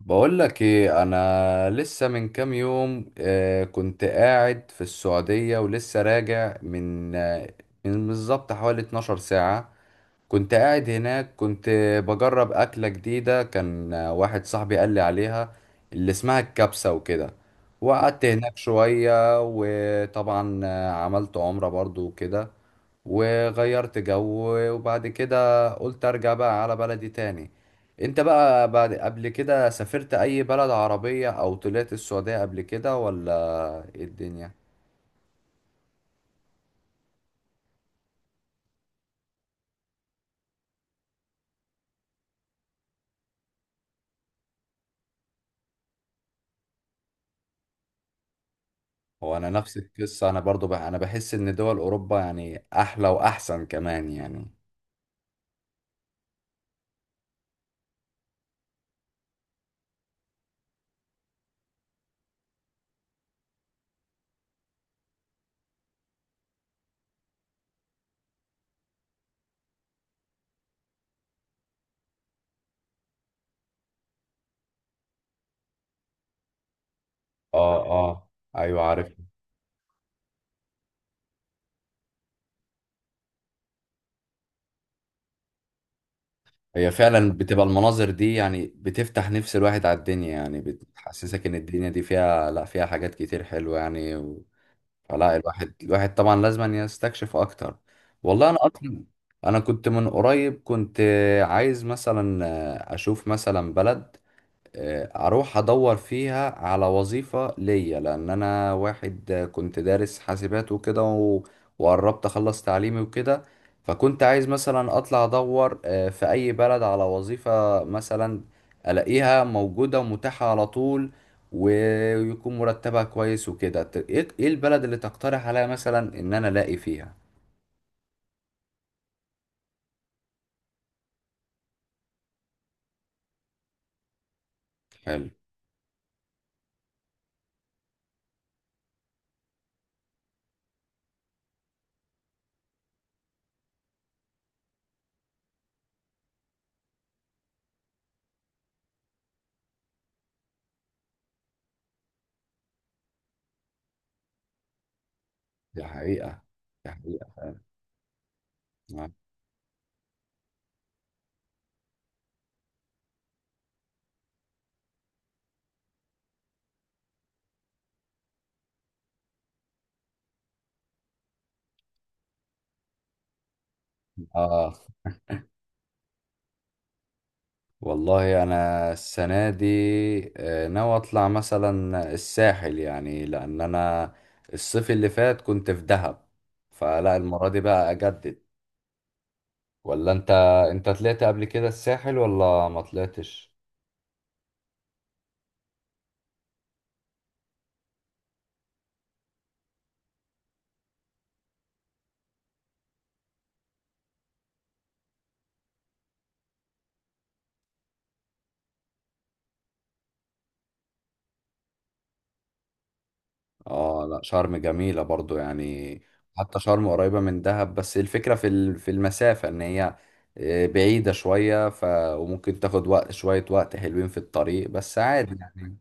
بقول لك ايه، انا لسه من كام يوم كنت قاعد في السعودية، ولسه راجع من بالظبط حوالي 12 ساعة. كنت قاعد هناك، بجرب أكلة جديدة، كان واحد صاحبي قال لي عليها، اللي اسمها الكبسة وكده. وقعدت هناك شوية، وطبعا عملت عمرة برضو وكده، وغيرت جو. وبعد كده قلت أرجع بقى على بلدي تاني. انت بقى بعد، قبل كده سافرت اي بلد عربية، او طلعت السعودية قبل كده ولا ايه الدنيا؟ هو انا نفس القصة، انا برضو بقى انا بحس ان دول اوروبا يعني احلى واحسن كمان يعني. اه، اه، ايوه عارف. هي فعلا بتبقى المناظر دي يعني بتفتح نفس الواحد على الدنيا، يعني بتحسسك ان الدنيا دي فيها، لا فيها حاجات كتير حلوة يعني. فلا الواحد طبعا لازم يستكشف اكتر. والله انا اصلا، انا كنت من قريب، كنت عايز مثلا اشوف مثلا بلد، اروح ادور فيها على وظيفة ليا، لان انا واحد كنت دارس حاسبات وكده وقربت اخلص تعليمي وكده. فكنت عايز مثلا اطلع ادور في اي بلد على وظيفة مثلا، الاقيها موجودة ومتاحة على طول، ويكون مرتبها كويس وكده. ايه إيه البلد اللي تقترح عليا مثلا ان انا الاقي فيها؟ حلو. دي حقيقة. دي حقيقة فعلا. اه والله انا السنه دي ناوي اطلع مثلا الساحل يعني، لان انا الصيف اللي فات كنت في دهب، فلا المره دي بقى اجدد. ولا انت، انت طلعت قبل كده الساحل ولا ما طلعتش؟ اه، لا شرم جميله برضو يعني. حتى شرم قريبه من دهب، بس الفكره في المسافه، ان هي بعيده شويه، وممكن تاخد وقت، شويه وقت حلوين في الطريق، بس عادي يعني.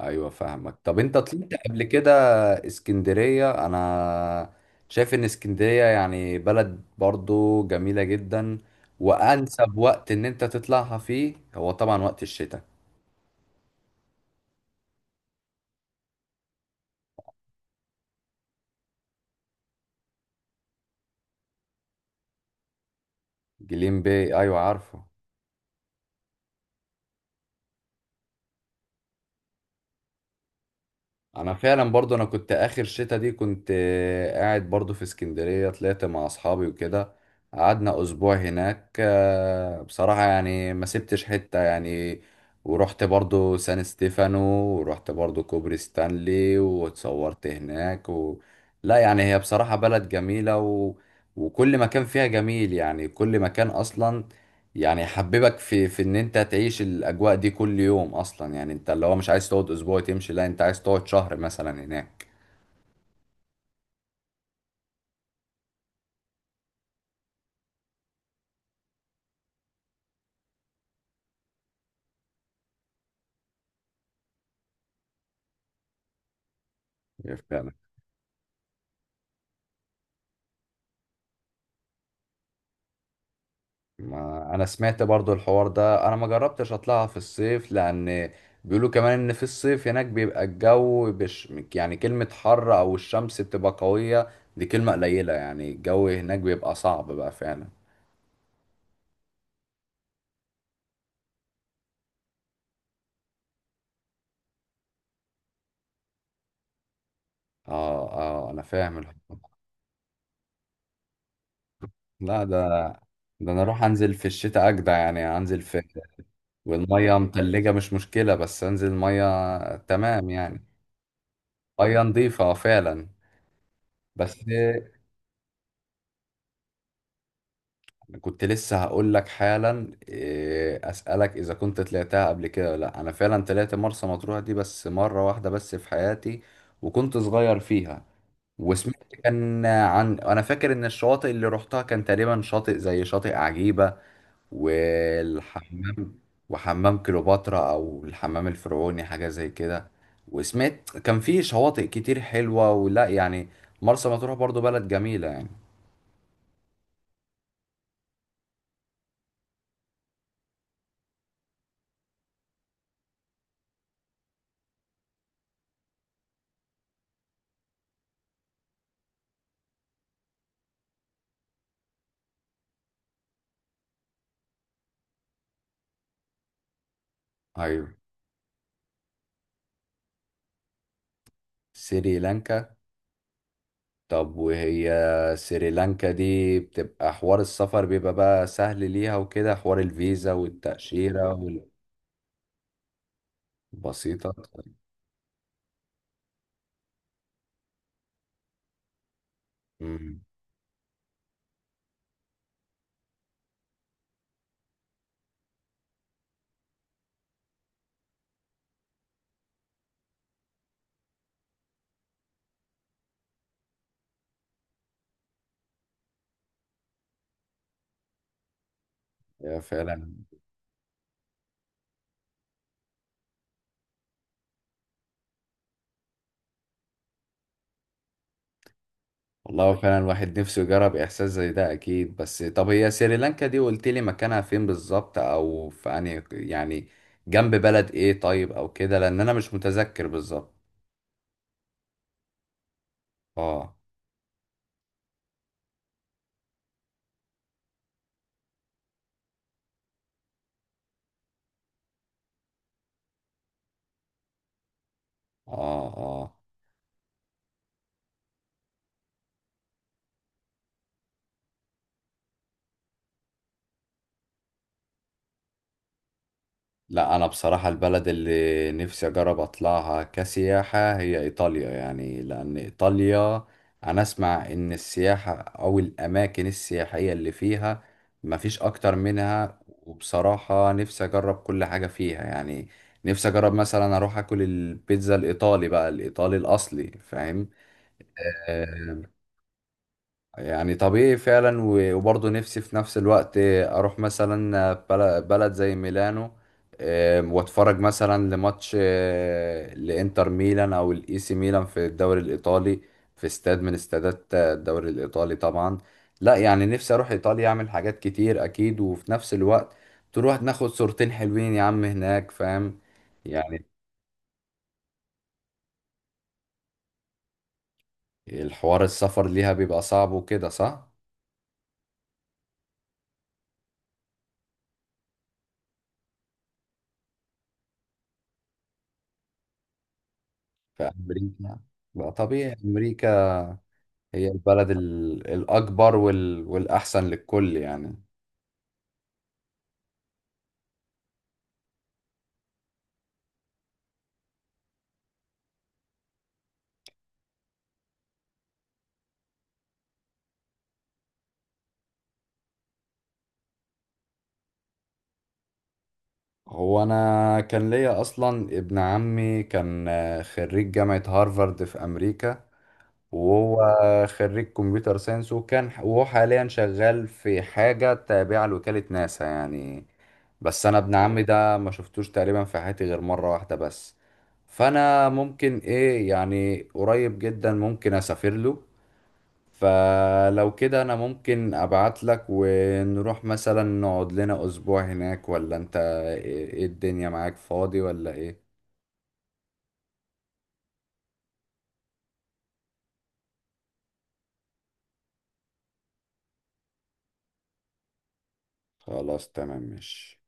ايوه فاهمك. طب انت طلعت قبل كده اسكندرية؟ انا شايف ان اسكندرية يعني بلد برضو جميلة جدا، وانسب وقت ان انت تطلعها فيه هو طبعا وقت الشتاء. جليم باي، ايوه عارفه. انا فعلا برضو، انا كنت اخر شتا دي كنت قاعد برضو في اسكندرية، طلعت مع اصحابي وكده. قعدنا اسبوع هناك، بصراحة يعني ما سبتش حتة يعني. ورحت برضو سان ستيفانو، ورحت برضو كوبري ستانلي واتصورت هناك لا يعني هي بصراحة بلد جميلة، و... وكل مكان فيها جميل، يعني كل مكان اصلا يعني حببك في ان انت تعيش الاجواء دي كل يوم اصلا. يعني انت اللي هو مش عايز تقعد اسبوع تمشي، لا انت عايز تقعد شهر مثلا هناك. فعلا. ما انا سمعت برضو الحوار ده، انا ما جربتش اطلعها في الصيف، لان بيقولوا كمان ان في الصيف هناك بيبقى الجو بش، يعني كلمة حر او الشمس بتبقى قوية دي كلمة قليلة، يعني الجو هناك بيبقى صعب بقى فعلا. اه، اه انا فاهم الحوار. لا ده، ده انا اروح انزل في الشتاء اجدع، يعني انزل في، والمية متلجة مش مشكلة، بس انزل مية تمام يعني. مية نضيفة فعلا. بس كنت لسه هقول لك حالا، إيه، اسألك اذا كنت طلعتها قبل كده ولا لا. انا فعلا طلعت مرسى مطروح دي بس مرة واحدة بس في حياتي، وكنت صغير فيها. وسمعت كان عن، انا فاكر ان الشواطئ اللي روحتها كان تقريبا شاطئ زي شاطئ عجيبة، والحمام، وحمام كليوباترا او الحمام الفرعوني حاجه زي كده. وسمعت كان في شواطئ كتير حلوه ولا يعني؟ مرسى مطروح برضو بلد جميله يعني. ايوه. سريلانكا. طب وهي سريلانكا دي بتبقى حوار السفر بيبقى بقى سهل ليها وكده، حوار الفيزا والتأشيرة والبسيطة؟ طيب. مم. هي فعلا. والله هو فعلا الواحد نفسه يجرب احساس زي ده اكيد. بس طب هي سريلانكا دي قلت لي مكانها فين بالظبط، او في يعني يعني جنب بلد ايه طيب او كده، لان انا مش متذكر بالظبط. اه، اه آه. لا انا بصراحة البلد اللي نفسي اجرب اطلعها كسياحة هي ايطاليا يعني، لان ايطاليا انا اسمع ان السياحة او الاماكن السياحية اللي فيها مفيش اكتر منها. وبصراحة نفسي اجرب كل حاجة فيها يعني. نفسي اجرب مثلا اروح اكل البيتزا الايطالي بقى، الايطالي الاصلي، فاهم؟ آه، يعني طبيعي فعلا. وبرضه نفسي في نفس الوقت اروح مثلا بلد زي ميلانو، واتفرج مثلا لماتش لانتر ميلان او الاي سي ميلان في الدوري الايطالي، في استاد من استادات الدوري الايطالي طبعا. لا يعني نفسي اروح ايطاليا اعمل حاجات كتير اكيد، وفي نفس الوقت تروح ناخد صورتين حلوين يا عم هناك، فاهم؟ يعني الحوار السفر ليها بيبقى صعب وكده، صح؟ في امريكا. لا طبيعي، امريكا هي البلد الأكبر والأحسن للكل يعني. هو أنا كان ليا أصلا ابن عمي، كان خريج جامعة هارفارد في أمريكا. وهو خريج كمبيوتر ساينس، وكان وهو حاليا شغال في حاجة تابعة لوكالة ناسا يعني. بس أنا ابن عمي ده ما شفتوش تقريبا في حياتي غير مرة واحدة بس. فأنا ممكن إيه، يعني قريب جدا ممكن أسافر له. فلو كده انا ممكن ابعت لك ونروح مثلا نقعد لنا اسبوع هناك، ولا انت ايه، إيه الدنيا، معاك فاضي ولا ايه؟ خلاص تمام ماشي.